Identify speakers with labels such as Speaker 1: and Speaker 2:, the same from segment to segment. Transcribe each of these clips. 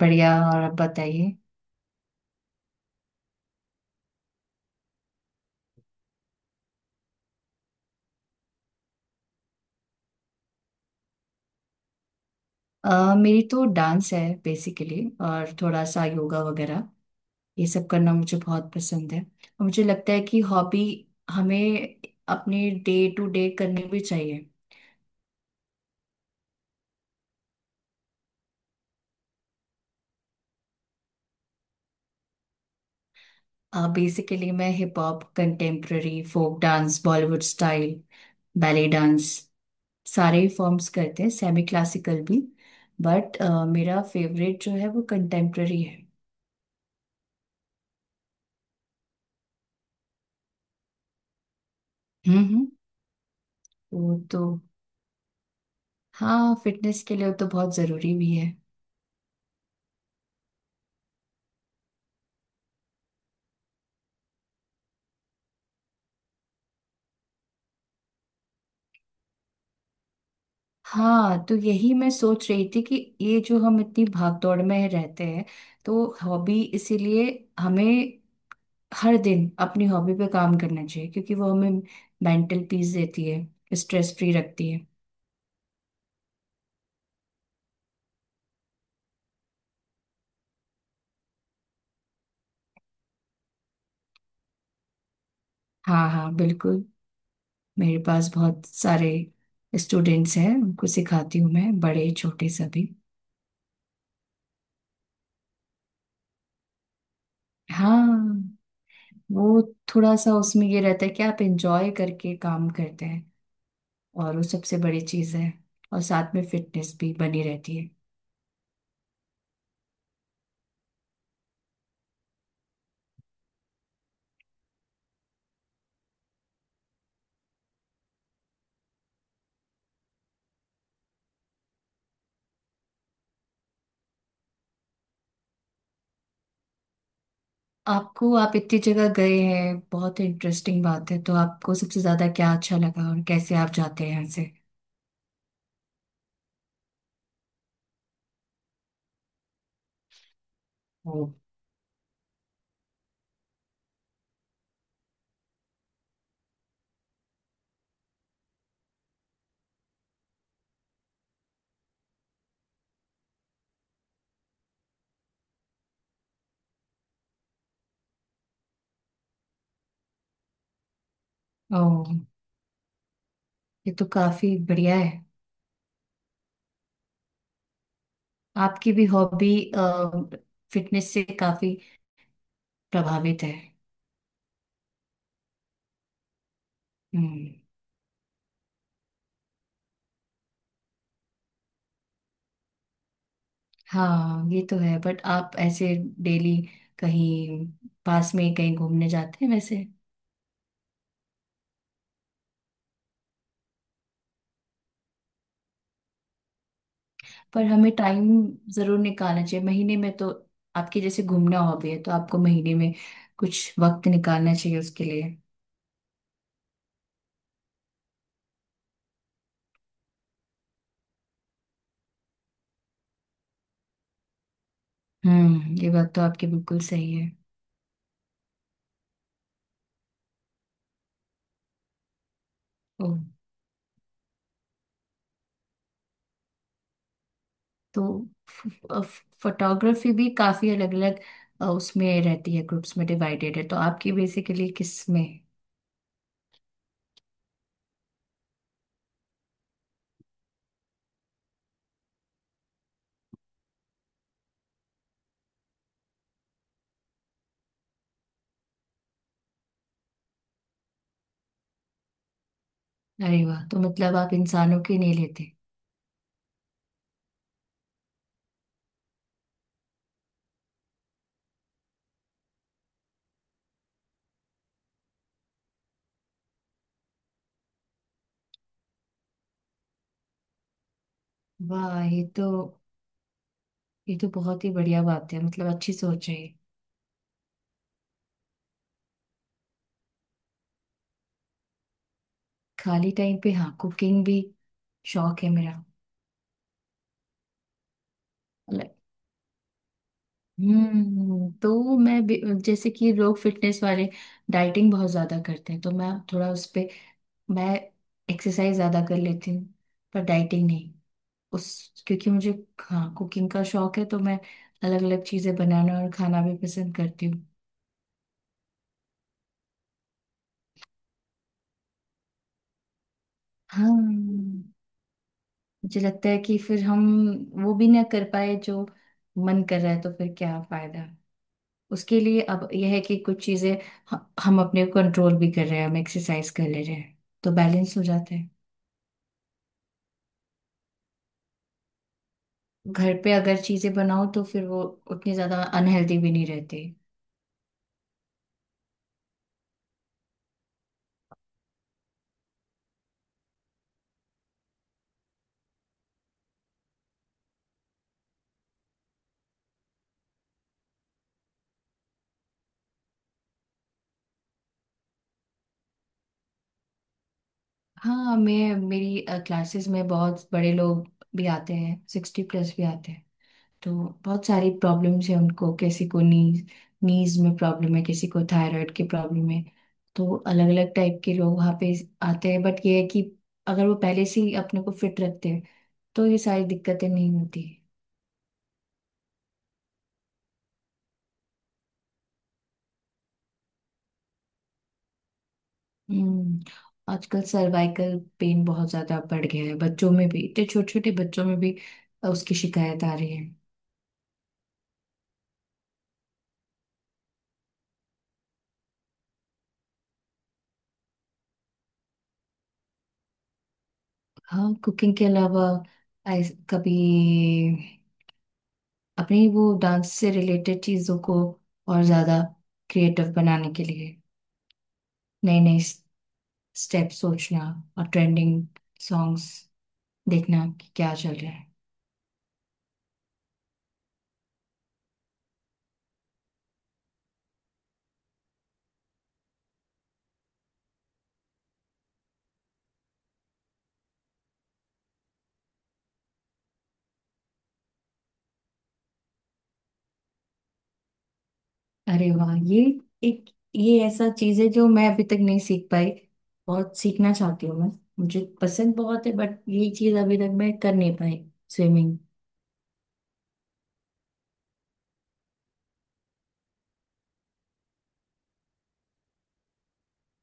Speaker 1: बढ़िया। और आप बताइए। मेरी तो डांस है बेसिकली। और थोड़ा सा योगा वगैरह। ये सब करना मुझे बहुत पसंद है और मुझे लगता है कि हॉबी हमें अपने डे टू डे करनी भी चाहिए। बेसिकली मैं hip hop, contemporary, folk dance, Bollywood style, ballet dance, सारे ही फॉर्म्स करते हैं। सेमी क्लासिकल भी, बट मेरा फेवरेट जो है वो कंटेम्प्ररी है। हम्म, हम्म। वो तो, हाँ फिटनेस के लिए वो तो बहुत ज़रूरी भी है। हाँ, तो यही मैं सोच रही थी कि ये जो हम इतनी भागदौड़ में रहते हैं, तो हॉबी इसीलिए हमें हर दिन अपनी हॉबी पे काम करना चाहिए, क्योंकि वो हमें मेंटल पीस देती है, स्ट्रेस फ्री रखती है। हाँ, हाँ, बिल्कुल। मेरे पास बहुत सारे स्टूडेंट्स हैं, उनको सिखाती हूँ मैं, बड़े छोटे सभी। हाँ, वो थोड़ा सा उसमें ये रहता है कि आप एंजॉय करके काम करते हैं, और वो सबसे बड़ी चीज़ है। और साथ में फिटनेस भी बनी रहती है। आपको, आप इतनी जगह गए हैं, बहुत इंटरेस्टिंग बात है। तो आपको सबसे ज्यादा क्या अच्छा लगा, और कैसे आप जाते हैं यहाँ से? हम्म। ओह, ये तो काफी बढ़िया है। आपकी भी हॉबी फिटनेस से काफी प्रभावित है। हम्म। हाँ ये तो है, बट आप ऐसे डेली कहीं, पास में कहीं घूमने जाते हैं वैसे? पर हमें टाइम जरूर निकालना चाहिए महीने में तो। आपकी जैसे घूमना हॉबी है, तो आपको महीने में कुछ वक्त निकालना चाहिए उसके लिए। हम्म, ये बात तो आपकी बिल्कुल सही है। ओ, तो फोटोग्राफी भी काफी अलग अलग उसमें रहती है, ग्रुप्स में डिवाइडेड है, तो आपकी बेसिकली किस में? अरे वाह, तो मतलब आप इंसानों की नहीं लेते? वाह, ये तो, ये तो बहुत ही बढ़िया बात है, मतलब अच्छी सोच है ये। खाली टाइम पे, हाँ, कुकिंग भी शौक है मेरा। मतलब, हम्म, तो मैं जैसे कि लोग फिटनेस वाले डाइटिंग बहुत ज्यादा करते हैं, तो मैं थोड़ा उस पे, मैं एक्सरसाइज ज्यादा कर लेती हूँ, पर डाइटिंग नहीं, उस क्योंकि मुझे। हाँ, कुकिंग का शौक है तो मैं अलग अलग चीजें बनाना और खाना भी पसंद करती हूँ। हाँ, मुझे लगता है कि फिर हम वो भी ना कर पाए जो मन कर रहा है, तो फिर क्या फायदा। उसके लिए अब यह है कि कुछ चीजें ह- हम अपने कंट्रोल भी कर रहे हैं, हम एक्सरसाइज कर ले रहे हैं, तो बैलेंस हो जाता है। घर पे अगर चीजें बनाओ, तो फिर वो उतनी ज्यादा अनहेल्दी भी नहीं रहती। हाँ, मैं, मेरी क्लासेस में बहुत बड़े लोग भी आते हैं, 60+ भी आते हैं। तो बहुत सारी प्रॉब्लम्स हैं उनको। किसी को नीज नीज में प्रॉब्लम है, किसी को थायराइड की प्रॉब्लम है। तो अलग अलग टाइप के लोग वहाँ पे आते हैं, बट ये है कि अगर वो पहले से ही अपने को फिट रखते हैं, तो ये सारी दिक्कतें नहीं होती। हम्म। आजकल सर्वाइकल पेन बहुत ज्यादा बढ़ गया है, बच्चों में भी, इतने छोटे छोटे बच्चों में भी उसकी शिकायत आ रही है। हाँ, कुकिंग के अलावा कभी अपनी वो डांस से रिलेटेड चीजों को और ज्यादा क्रिएटिव बनाने के लिए नए नए स्टेप सोचना, और ट्रेंडिंग सॉन्ग्स देखना कि क्या चल रहा है। अरे वाह, ये एक, ये ऐसा चीज है जो मैं अभी तक नहीं सीख पाई, बहुत सीखना चाहती हूँ मैं, मुझे पसंद बहुत है, बट ये चीज अभी तक मैं कर नहीं पाई, स्विमिंग।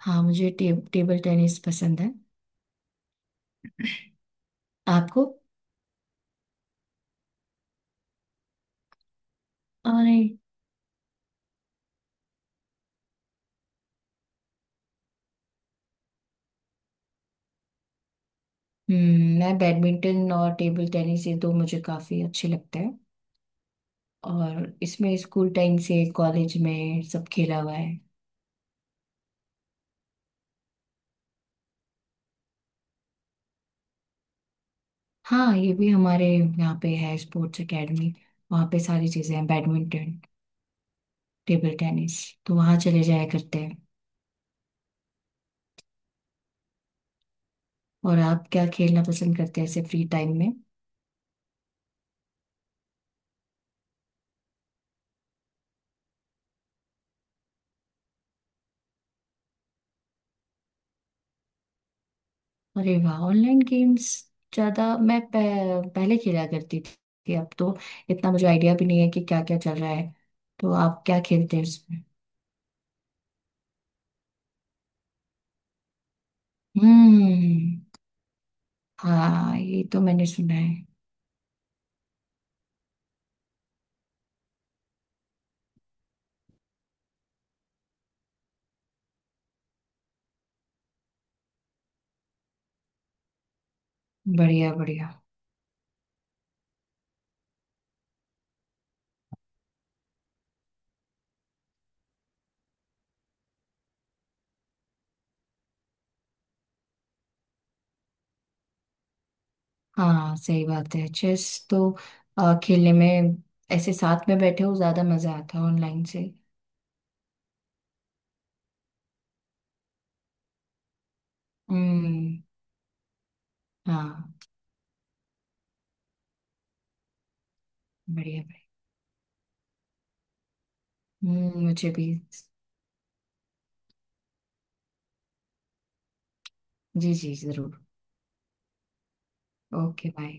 Speaker 1: हाँ, मुझे टेबल टेनिस पसंद है। आपको? अरे, मैं बैडमिंटन और टेबल टेनिस, ये दो मुझे काफी अच्छे लगते हैं, और इसमें स्कूल टाइम से कॉलेज में सब खेला हुआ है। हाँ, ये भी हमारे यहाँ पे है, स्पोर्ट्स एकेडमी, वहाँ पे सारी चीजें हैं, बैडमिंटन, टेबल टेनिस, तो वहाँ चले जाया करते हैं। और आप क्या खेलना पसंद करते हैं ऐसे फ्री टाइम में? अरे वाह, ऑनलाइन गेम्स ज्यादा मैं पहले खेला करती थी, अब तो इतना मुझे आइडिया भी नहीं है कि क्या क्या चल रहा है। तो आप क्या खेलते हैं उसमें? हम्म। हाँ, ये तो मैंने सुना है। बढ़िया, बढ़िया। हाँ, सही बात है, चेस तो खेलने में ऐसे साथ में बैठे हो ज्यादा मजा आता है ऑनलाइन से। हम्म। हाँ। बढ़िया, बढ़िया। हम्म, मुझे भी। जी, जी, जरूर। ओके। बाय।